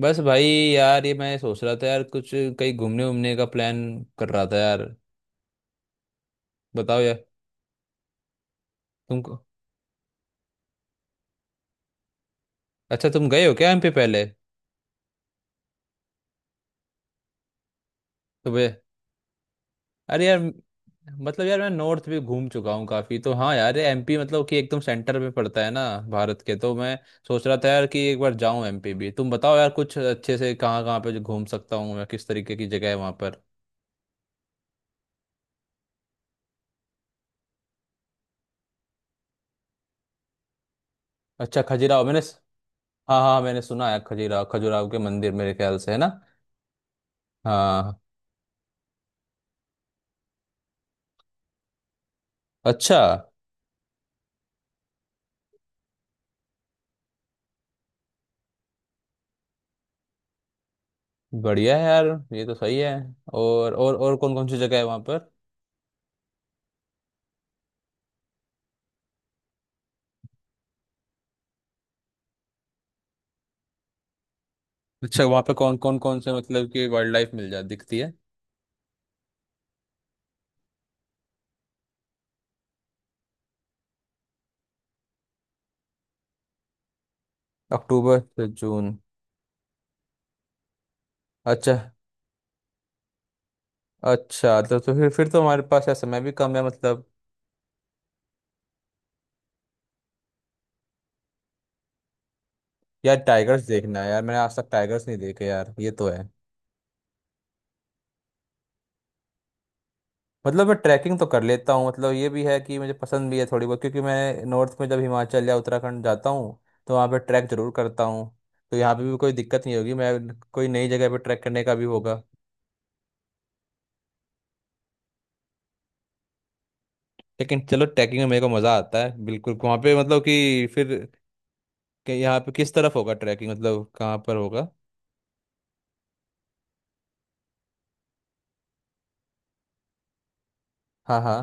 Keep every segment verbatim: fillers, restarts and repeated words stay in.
बस भाई यार, ये मैं सोच रहा था यार, कुछ कहीं घूमने उमने का प्लान कर रहा था यार। बताओ यार। तुम अच्छा, तुम गए हो क्या एम पी पहले? सुबह। अरे यार। मतलब यार, मैं नॉर्थ भी घूम चुका हूँ काफी। तो हाँ यार, एम पी मतलब कि एकदम सेंटर में पड़ता है ना भारत के। तो मैं सोच रहा था यार कि एक बार जाऊँ एम पी भी। तुम बताओ यार, कुछ अच्छे से कहाँ कहाँ पे जो घूम सकता हूँ मैं, किस तरीके की जगह है वहाँ पर। अच्छा खजुराहो, मैंने हाँ हाँ, मैंने सुना है खजुराहो। खजुराहो के मंदिर मेरे ख्याल से है ना। हाँ। अच्छा। बढ़िया है यार, ये तो सही है। और और और कौन कौन सी जगह है वहाँ पर? अच्छा, वहाँ पे कौन कौन कौन से मतलब कि वाइल्ड लाइफ मिल जा दिखती है? अक्टूबर से जून? अच्छा। अच्छा, तो तो फिर फिर तो हमारे पास यार समय भी कम है मतलब। यार टाइगर्स देखना है यार, मैंने आज तक टाइगर्स नहीं देखे यार। ये तो है। मतलब मैं ट्रैकिंग तो कर लेता हूँ, मतलब ये भी है कि मुझे पसंद भी है थोड़ी बहुत, क्योंकि मैं नॉर्थ में जब हिमाचल या उत्तराखंड जाता हूँ तो वहाँ पे ट्रैक जरूर करता हूँ। तो यहाँ पे भी कोई दिक्कत नहीं होगी, मैं कोई नई जगह पे ट्रैक करने का भी होगा। लेकिन चलो, ट्रैकिंग में मेरे को मज़ा आता है बिल्कुल। वहाँ पे मतलब कि फिर, कि यहाँ पे किस तरफ होगा ट्रैकिंग, मतलब कहाँ पर होगा। हाँ हाँ।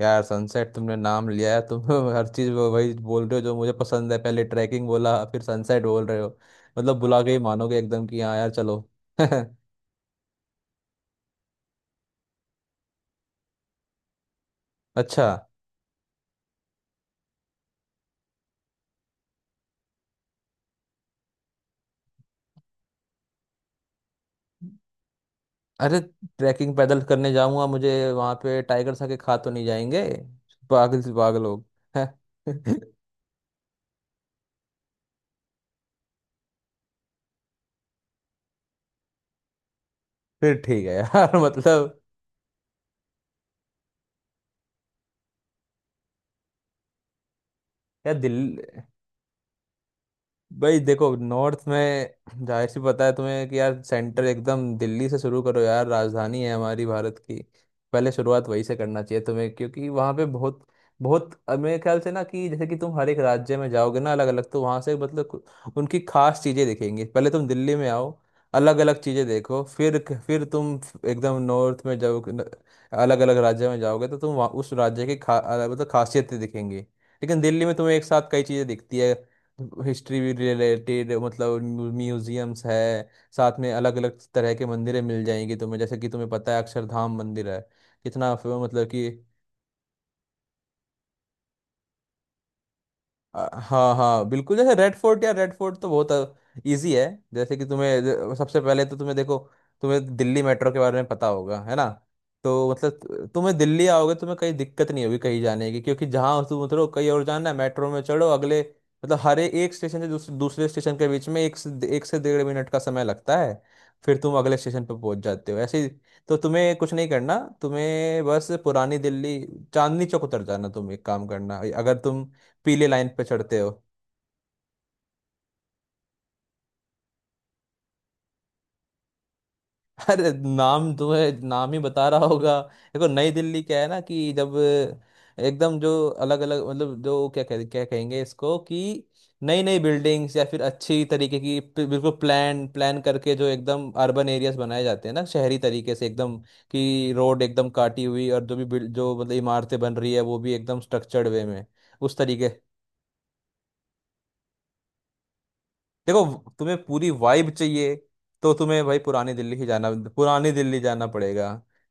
यार सनसेट तुमने नाम लिया है तुम। हर चीज़ वो वही बोल रहे हो जो मुझे पसंद है, पहले ट्रैकिंग बोला फिर सनसेट बोल रहे हो। मतलब बुला के ही मानोगे एकदम, कि हाँ यार चलो। अच्छा। अरे, ट्रैकिंग पैदल करने जाऊंगा मुझे वहाँ पे, टाइगर आके खा तो नहीं जाएंगे? पागल से पागल लोग। फिर ठीक है यार। मतलब। यार दिल भाई देखो, नॉर्थ में जाहिर सी पता है तुम्हें कि यार, सेंटर एकदम दिल्ली से शुरू करो यार, राजधानी है हमारी भारत की। पहले शुरुआत वहीं से करना चाहिए तुम्हें, क्योंकि वहाँ पे बहुत बहुत अ, मेरे ख्याल से ना कि जैसे कि तुम हर एक राज्य में जाओगे ना अलग अलग, तो वहाँ से मतलब कु- उनकी खास चीज़ें दिखेंगी। पहले तुम दिल्ली में आओ, अलग अलग चीज़ें देखो। फिर फिर तुम एकदम नॉर्थ में जाओ। अलग अलग राज्य में जाओगे तो तुम वहाँ उस राज्य की खा अ, मतलब खासियतें दिखेंगी। लेकिन दिल्ली में तुम्हें एक साथ कई चीज़ें दिखती है। हिस्ट्री भी रिलेटेड मतलब, म्यूजियम्स है, साथ में अलग अलग तरह के मंदिरें मिल जाएंगी तुम्हें, जैसे कि तुम्हें पता है अक्षरधाम मंदिर है कितना फ- मतलब कि। अ, हाँ हाँ बिल्कुल, जैसे रेड फोर्ट, या रेड फोर्ट तो बहुत इजी है। जैसे कि तुम्हें ज- सबसे पहले तो तुम्हें देखो, तुम्हें दिल्ली मेट्रो के बारे में पता होगा है ना? तो मतलब तु- तुम्हें दिल्ली आओगे तो तुम्हें कहीं दिक्कत नहीं होगी कहीं जाने की, क्योंकि जहाँ तुम उतरो कहीं और जाना है, मेट्रो में चढ़ो अगले। मतलब हर ए- एक स्टेशन से दूस, दूसरे स्टेशन के बीच में एक से एक से डेढ़ मिनट का समय लगता है। फिर तुम अगले स्टेशन पर पहुंच जाते हो ऐसे ही। तो तुम्हें कुछ नहीं करना, तुम्हें बस पुरानी दिल्ली चांदनी चौक उतर जाना। तुम एक काम करना, अगर तुम पीले लाइन पे चढ़ते हो। अरे नाम, तुम्हें नाम ही बता रहा होगा। देखो नई दिल्ली क्या है ना कि जब एकदम जो अलग अलग मतलब, जो क्या कह, क्या कहेंगे इसको, कि नई नई बिल्डिंग्स, या फिर अच्छी तरीके की प- बिल्कुल प्लान प्लान करके जो एकदम अर्बन एरियाज बनाए जाते हैं ना, शहरी तरीके से एकदम। कि रोड एकदम काटी हुई, और जो भी बिल- जो मतलब इमारतें बन रही है वो भी एकदम स्ट्रक्चर्ड वे में। उस तरीके। देखो तुम्हें पूरी वाइब चाहिए तो तुम्हें भाई पुरानी दिल्ली ही जाना। पुरानी दिल्ली जाना पड़ेगा।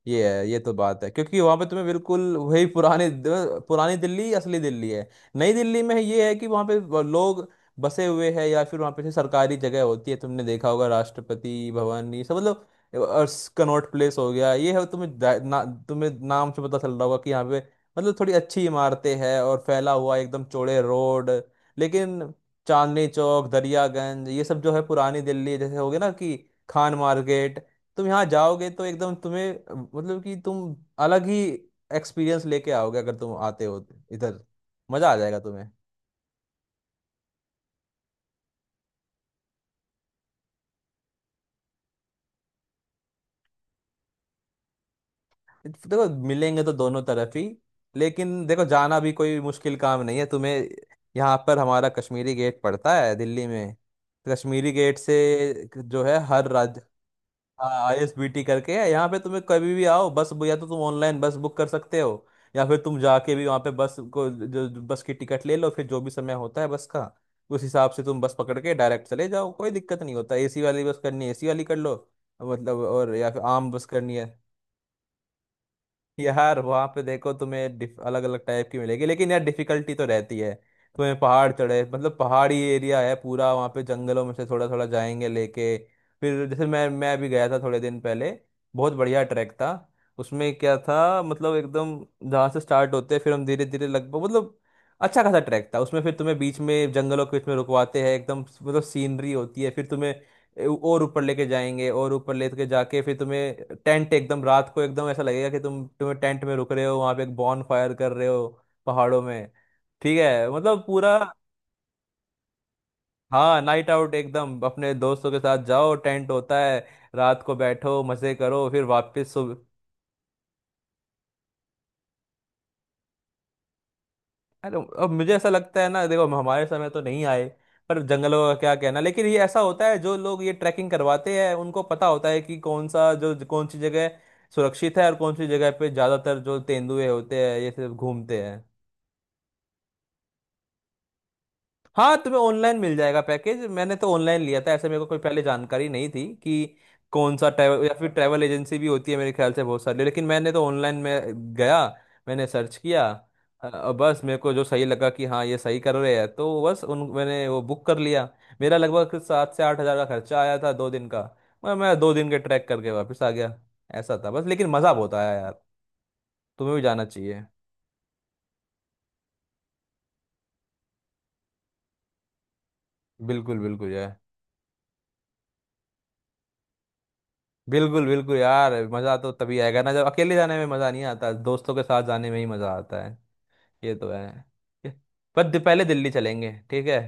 ये है, ये तो बात है, क्योंकि वहां पे तुम्हें बिल्कुल वही पुरानी। पुरानी दिल्ली असली दिल्ली है। नई दिल्ली में ये है कि वहां पे वो लोग बसे हुए हैं, या फिर वहां पे जैसे सरकारी जगह होती है, तुमने देखा होगा राष्ट्रपति भवन ये सब मतलब। और स- कनॉट प्लेस हो गया, ये है तुम्हें दा- ना, तुम्हें नाम से पता चल रहा होगा कि यहाँ पे मतलब थोड़ी अच्छी इमारतें हैं और फैला हुआ एकदम चौड़े रोड। लेकिन चांदनी चौक, दरियागंज, ये सब जो है पुरानी दिल्ली जैसे हो गया ना, कि खान मार्केट। तुम यहाँ जाओगे तो एकदम तुम्हें अ, मतलब कि तुम अलग ही एक्सपीरियंस लेके आओगे, अगर तुम आते हो तो इधर। मजा आ जाएगा तुम्हें। इत- देखो मिलेंगे तो दोनों तरफ ही। लेकिन देखो, जाना भी कोई मुश्किल काम नहीं है तुम्हें। यहाँ पर हमारा कश्मीरी गेट पड़ता है दिल्ली में, तो कश्मीरी गेट से जो है हर राज्य। हाँ, आई एस बी टी करके है यहाँ पे, तुम्हें कभी भी आओ बस, या तो तुम ऑनलाइन बस बुक कर सकते हो, या फिर तुम जाके भी वहाँ पे बस को जो जो बस की टिकट ले लो। फिर जो भी समय होता है बस का, उस हिसाब से तुम बस पकड़ के डायरेक्ट चले जाओ, कोई दिक्कत नहीं होता। ए सी वाली बस करनी है, ए सी वाली कर लो, मतलब और, या फिर आम बस करनी है। यार वहां पे देखो तुम्हें डिफ, अलग अलग टाइप की मिलेगी, लेकिन यार डिफिकल्टी तो रहती है। तुम्हें पहाड़ चढ़े मतलब, पहाड़ी एरिया है पूरा वहां पे, जंगलों में से थोड़ा थोड़ा जाएंगे लेके। फिर जैसे मैं मैं भी गया था थोड़े दिन पहले। बहुत बढ़िया ट्रैक था। उसमें क्या था मतलब एकदम, जहाँ से स्टार्ट होते हैं फिर हम धीरे धीरे लगभग, मतलब अच्छा खासा ट्रैक था उसमें। फिर तुम्हें बीच में जंगलों के बीच में रुकवाते हैं एकदम, मतलब सीनरी होती है। फिर तुम्हें ए- और ऊपर लेके जाएंगे, और ऊपर लेके जाके फिर तुम्हें टेंट, एकदम रात को, एकदम ऐसा लगेगा कि तुम तुम्हें टेंट में रुक रहे हो, वहां पे एक बॉन फायर कर रहे हो पहाड़ों में। ठीक है, मतलब पूरा। हाँ, नाइट आउट एकदम, अपने दोस्तों के साथ जाओ, टेंट होता है, रात को बैठो मजे करो, फिर वापस सुबह। अरे, अब मुझे ऐसा लगता है ना, देखो हमारे समय तो नहीं आए, पर जंगलों का क्या कहना। लेकिन ये ऐसा होता है, जो लोग ये ट्रैकिंग करवाते हैं उनको पता होता है कि कौन सा जो कौन सी जगह सुरक्षित है और कौन सी जगह पे ज्यादातर जो तेंदुए होते हैं ये सिर्फ घूमते हैं। हाँ, तुम्हें ऑनलाइन मिल जाएगा पैकेज। मैंने तो ऑनलाइन लिया था ऐसे, मेरे को कोई पहले जानकारी नहीं थी कि कौन सा ट्रैवल, या फिर ट्रैवल एजेंसी भी होती है मेरे ख्याल से बहुत सारी, लेकिन मैंने तो ऑनलाइन में गया। मैंने सर्च किया। अ, बस मेरे को जो सही लगा कि हाँ ये सही कर रहे हैं, तो बस उन मैंने वो बुक कर लिया। मेरा लगभग सात से आठ हजार का खर्चा आया था, दो दिन का। मैं मैं दो दिन के ट्रैक करके वापस आ गया, ऐसा था बस। लेकिन मज़ा बहुत आया यार, तुम्हें भी जाना चाहिए। बिल्कुल बिल्कुल यार। बिल्कुल बिल्कुल यार, मज़ा तो तभी आएगा ना, जब अकेले जाने में मज़ा नहीं आता, दोस्तों के साथ जाने में ही मज़ा आता है। ये तो है। ये- पर दि- पहले दिल्ली चलेंगे, ठीक है?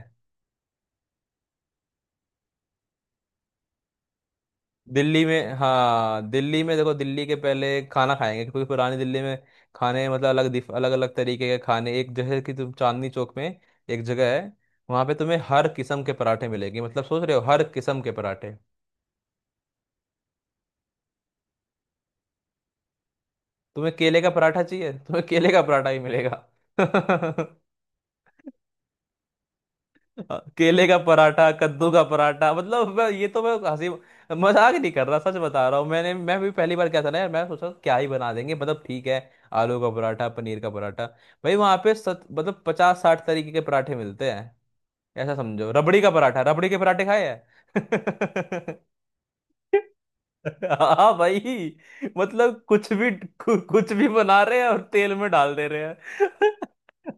दिल्ली में, हाँ दिल्ली में देखो, दिल्ली के पहले खाना खाएंगे, क्योंकि पुरानी दिल्ली में खाने मतलब अलग दिफ, अलग अलग तरीके के खाने। एक, जैसे कि तुम चांदनी चौक में, एक जगह है, वहाँ पे तुम्हें हर किस्म के पराठे मिलेंगे। मतलब सोच रहे हो, हर किस्म के पराठे। तुम्हें केले का पराठा चाहिए, तुम्हें केले का पराठा ही मिलेगा। अ, केले का पराठा, कद्दू का पराठा, मतलब। मैं ये तो मैं हंसी मजाक नहीं कर रहा, सच बता रहा हूँ। मैंने मैं भी पहली बार क्या था ना यार, मैं सोचा क्या ही बना देंगे, मतलब ठीक है, आलू का पराठा पनीर का पराठा। भाई वहाँ पे सत, मतलब पचास साठ तरीके के पराठे मिलते हैं। ऐसा समझो रबड़ी का पराठा, रबड़ी के पराठे खाए हैं। हाँ भाई। मतलब कुछ भी कु, कुछ भी बना रहे हैं और तेल में डाल दे रहे हैं।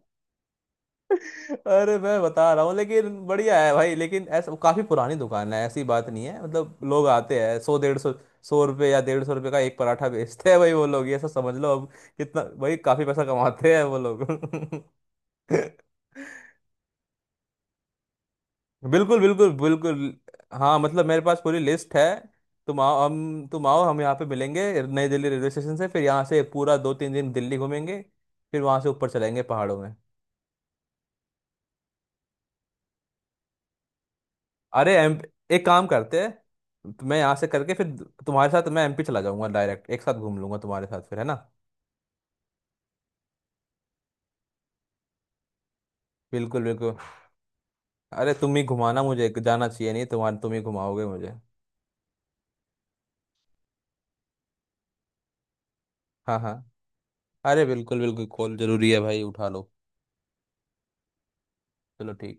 अरे, मैं बता रहा हूँ। लेकिन बढ़िया है भाई, लेकिन ऐसा काफी पुरानी दुकान है, ऐसी बात नहीं है। मतलब लोग आते हैं, सौ डेढ़ सौ, सौ रुपये या डेढ़ सौ रुपये का एक पराठा बेचते हैं भाई वो लोग, ये सब समझ लो अब। कितना भाई, काफी पैसा कमाते हैं वो लोग। बिल्कुल बिल्कुल बिल्कुल। हाँ मतलब, मेरे पास पूरी लिस्ट है। तुम आओ हम तुम आओ, हम यहाँ पे मिलेंगे नई दिल्ली रेलवे स्टेशन से, फिर यहाँ से पूरा दो तीन दिन दिल्ली घूमेंगे, फिर वहाँ से ऊपर चलेंगे पहाड़ों में। अरे एम एक काम करते हैं, तो मैं यहाँ से करके फिर तुम्हारे साथ मैं एम पी चला जाऊंगा डायरेक्ट, एक साथ घूम लूंगा तुम्हारे साथ फिर, है ना? बिल्कुल बिल्कुल। अरे तुम ही घुमाना मुझे, जाना चाहिए नहीं तो, तुम्हारे तुम ही घुमाओगे मुझे। हाँ हाँ। अरे बिल्कुल बिल्कुल, कॉल जरूरी है भाई, उठा लो। चलो ठीक।